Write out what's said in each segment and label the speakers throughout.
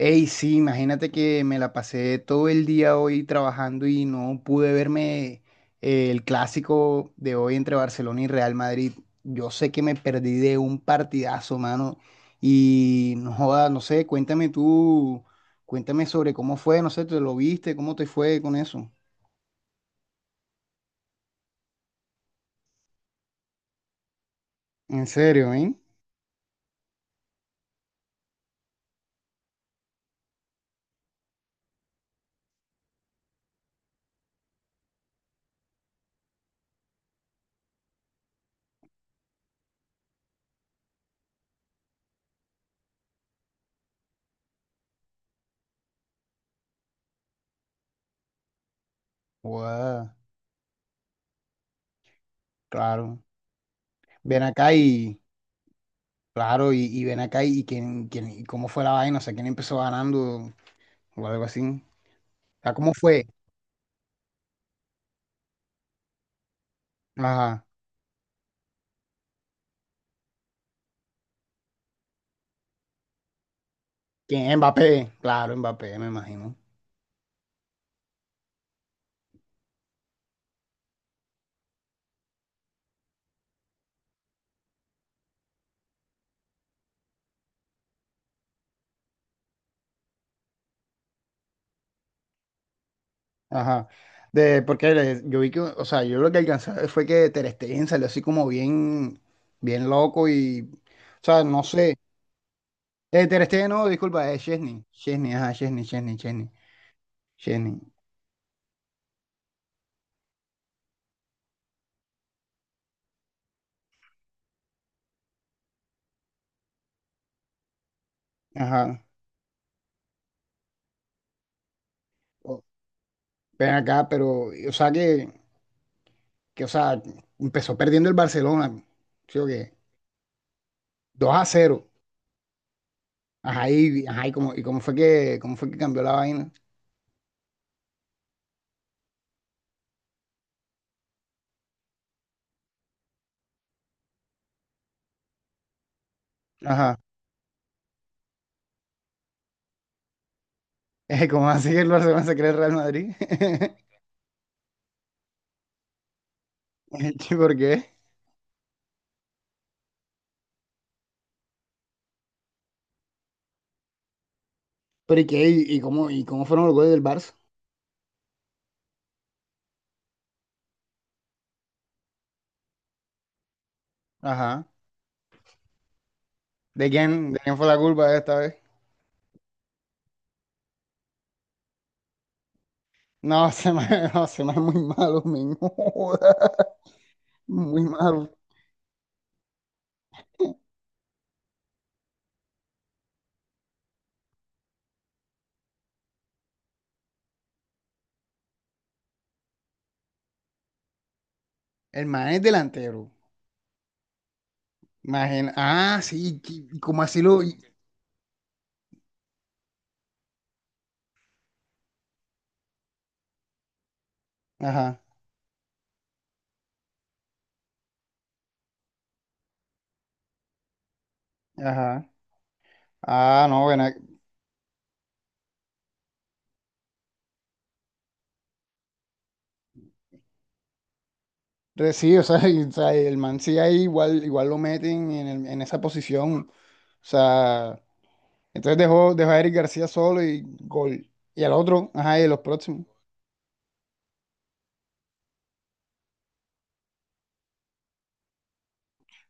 Speaker 1: Ey, sí, imagínate que me la pasé todo el día hoy trabajando y no pude verme el clásico de hoy entre Barcelona y Real Madrid. Yo sé que me perdí de un partidazo, mano. Y no joda, no sé, cuéntame tú, cuéntame sobre cómo fue, no sé, ¿te lo viste? ¿Cómo te fue con eso? En serio, ¿eh? Guau, claro. Ven acá y, claro, y ven acá y, y cómo fue la vaina, o sea, quién empezó ganando o algo así. O sea, ¿cómo fue? Ajá. ¿Quién? Mbappé, claro, Mbappé, me imagino. Ajá. Porque yo vi que, o sea, yo lo que alcancé a ver fue que Ter Stegen salió así como bien, bien loco y, o sea, no sé. Ter Stegen, no, disculpa, es Chesney. Chesney, ajá, Chesney, Chesney. Ajá. O- Ven acá, pero, o sea, o sea, empezó perdiendo el Barcelona, ¿sí o qué? 2 a cero. Ajá, y, ajá, y cómo fue que cambió la vaina. Ajá. ¿Cómo así que el Barcelona se cree el Real Madrid? ¿Y por qué? Pero ¿y qué? ¿Y, y cómo fueron los goles del Barça? Ajá. De quién fue la culpa esta vez? No, no, se me es muy malo, men. No joda. Muy malo. El man es delantero. Imagina. Ah, sí, y- como así lo. Y- Ajá, ajá. Ah, no, bueno. Sí, o sea, o sea, el man sí ahí igual, igual lo meten en, en esa posición. O sea, entonces dejó a Eric García solo y gol. Y al otro, ajá, y los próximos.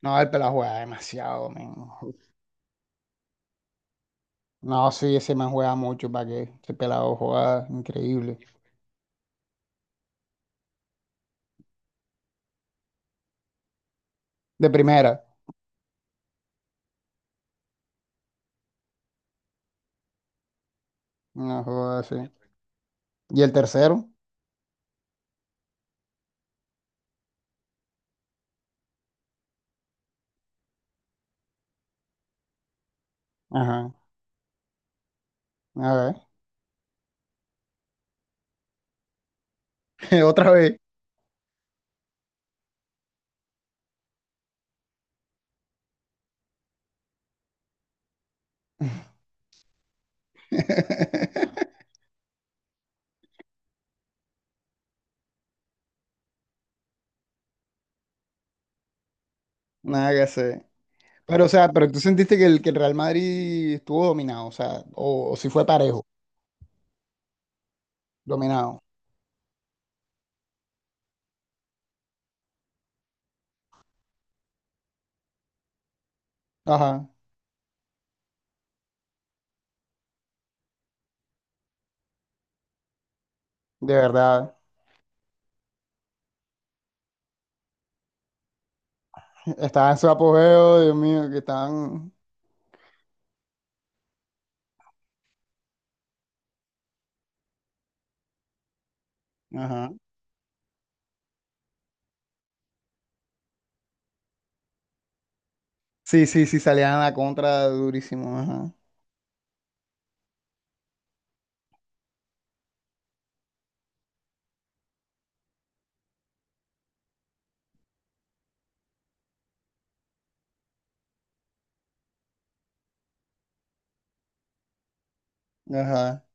Speaker 1: No, el pelado juega demasiado, men. No, sí, ese man juega mucho, ¿para qué? Ese pelado juega increíble. De primera, no juega así. ¿Y el tercero? Ajá, a ver, otra vez. Nada que hacer. Pero, o sea, pero tú sentiste que que el Real Madrid estuvo dominado, o sea, o si fue parejo, dominado. Ajá, de verdad. Estaban en su apogeo, Dios mío, que estaban. Ajá. Sí, sí, sí, salían a la contra durísimo, ajá. Ajá,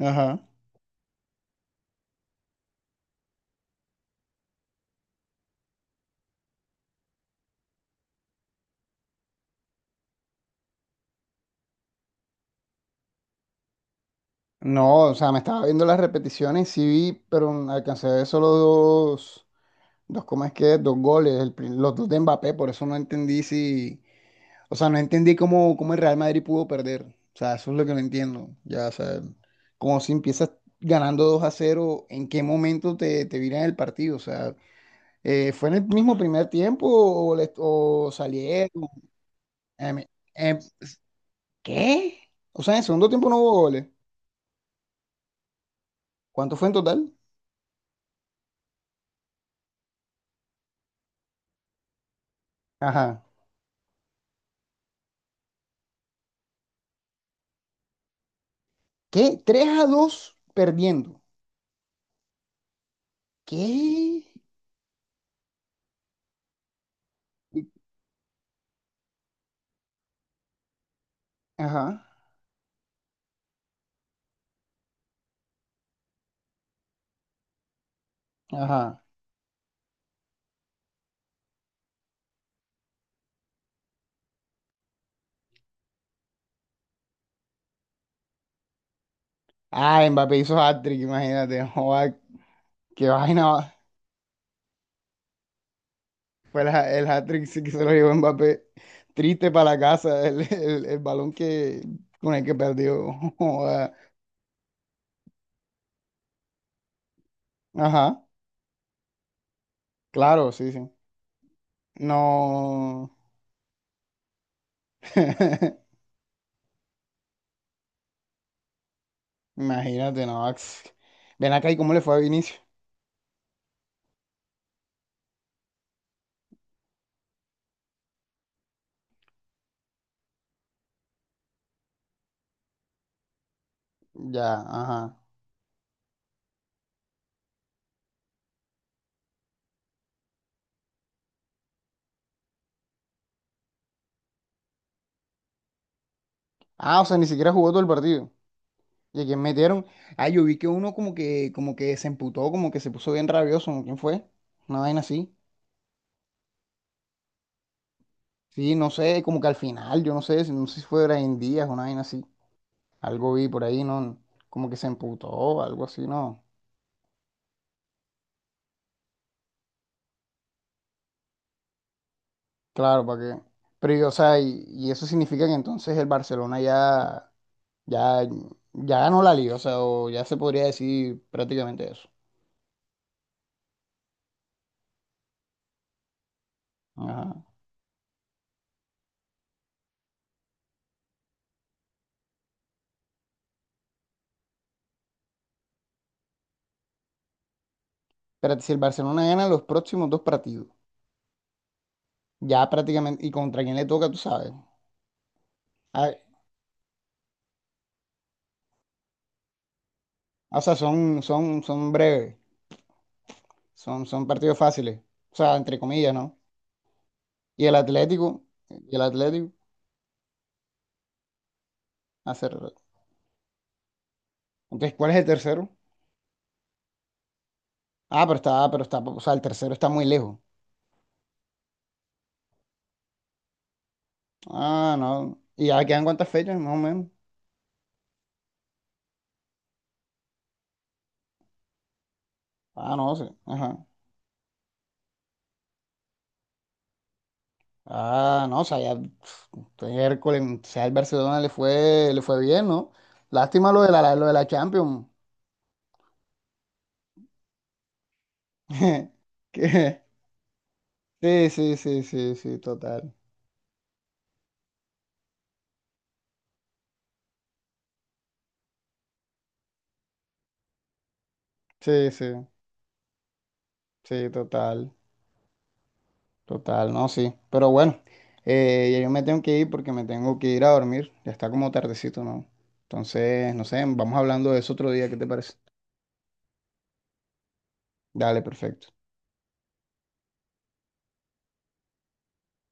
Speaker 1: ajá. No, o sea, me estaba viendo las repeticiones, sí vi, pero alcancé a ver solo dos, dos, ¿cómo es que? Es? Dos goles, los dos de Mbappé, por eso no entendí si, o sea, no entendí cómo, cómo el Real Madrid pudo perder, o sea, eso es lo que no entiendo, ya, o sea, como si empiezas ganando 2 a cero, ¿en qué momento te viran el partido? O sea, ¿fue en el mismo primer tiempo o, o salieron? Em, em, ¿Qué? O sea, en el segundo tiempo no hubo goles, ¿cuánto fue en total? Ajá. ¿Qué? Tres a 2 perdiendo. ¿Qué? Ajá, ajá. Ah, Mbappé hizo hat-trick, imagínate. Joda, qué vaina. El hat-trick sí que se lo llevó Mbappé. Triste para la casa, el balón que, con el que perdió. Joda. Ajá, claro, sí, sí. No. Imagínate, no. Ax. Ven acá y cómo le fue a Vinicius. Ya, ajá. Ah, o sea, ni siquiera jugó todo el partido. ¿Y a quién metieron? Ah, yo vi que uno como que se emputó, como que se puso bien rabioso, ¿no? ¿Quién fue? Una vaina así. Sí, no sé, como que al final, yo no sé, no sé si fue Brian Díaz, una vaina así. Algo vi por ahí, ¿no? Como que se emputó, algo así, ¿no? Claro, ¿para qué? Pero, y, o sea, y eso significa que entonces el Barcelona ya, ya ganó la liga, o sea, o ya se podría decir prácticamente eso. Ajá. Pero si el Barcelona gana los próximos dos partidos, ya prácticamente, ¿y contra quién le toca, tú sabes? Ah, o sea, son breves, son partidos fáciles, o sea, entre comillas, ¿no? Y el Atlético, y el Atlético, hacer. Entonces, ¿cuál es el tercero? Ah, pero está, o sea, el tercero está muy lejos. Ah, no. ¿Y ya quedan cuántas fechas, más o menos? Ah, no sé. Ajá. Ah, no, o sea, ya pf, este miércoles, o sea, el Barcelona le fue bien, ¿no? Lástima lo de la Champions. Que- Sí, sí, sí, sí, sí, total. Sí, sí, sí, total. Total, no, sí. Pero bueno, ya yo me tengo que ir porque me tengo que ir a dormir. Ya está como tardecito, ¿no? Entonces, no sé, vamos hablando de eso otro día, ¿qué te parece? Dale, perfecto.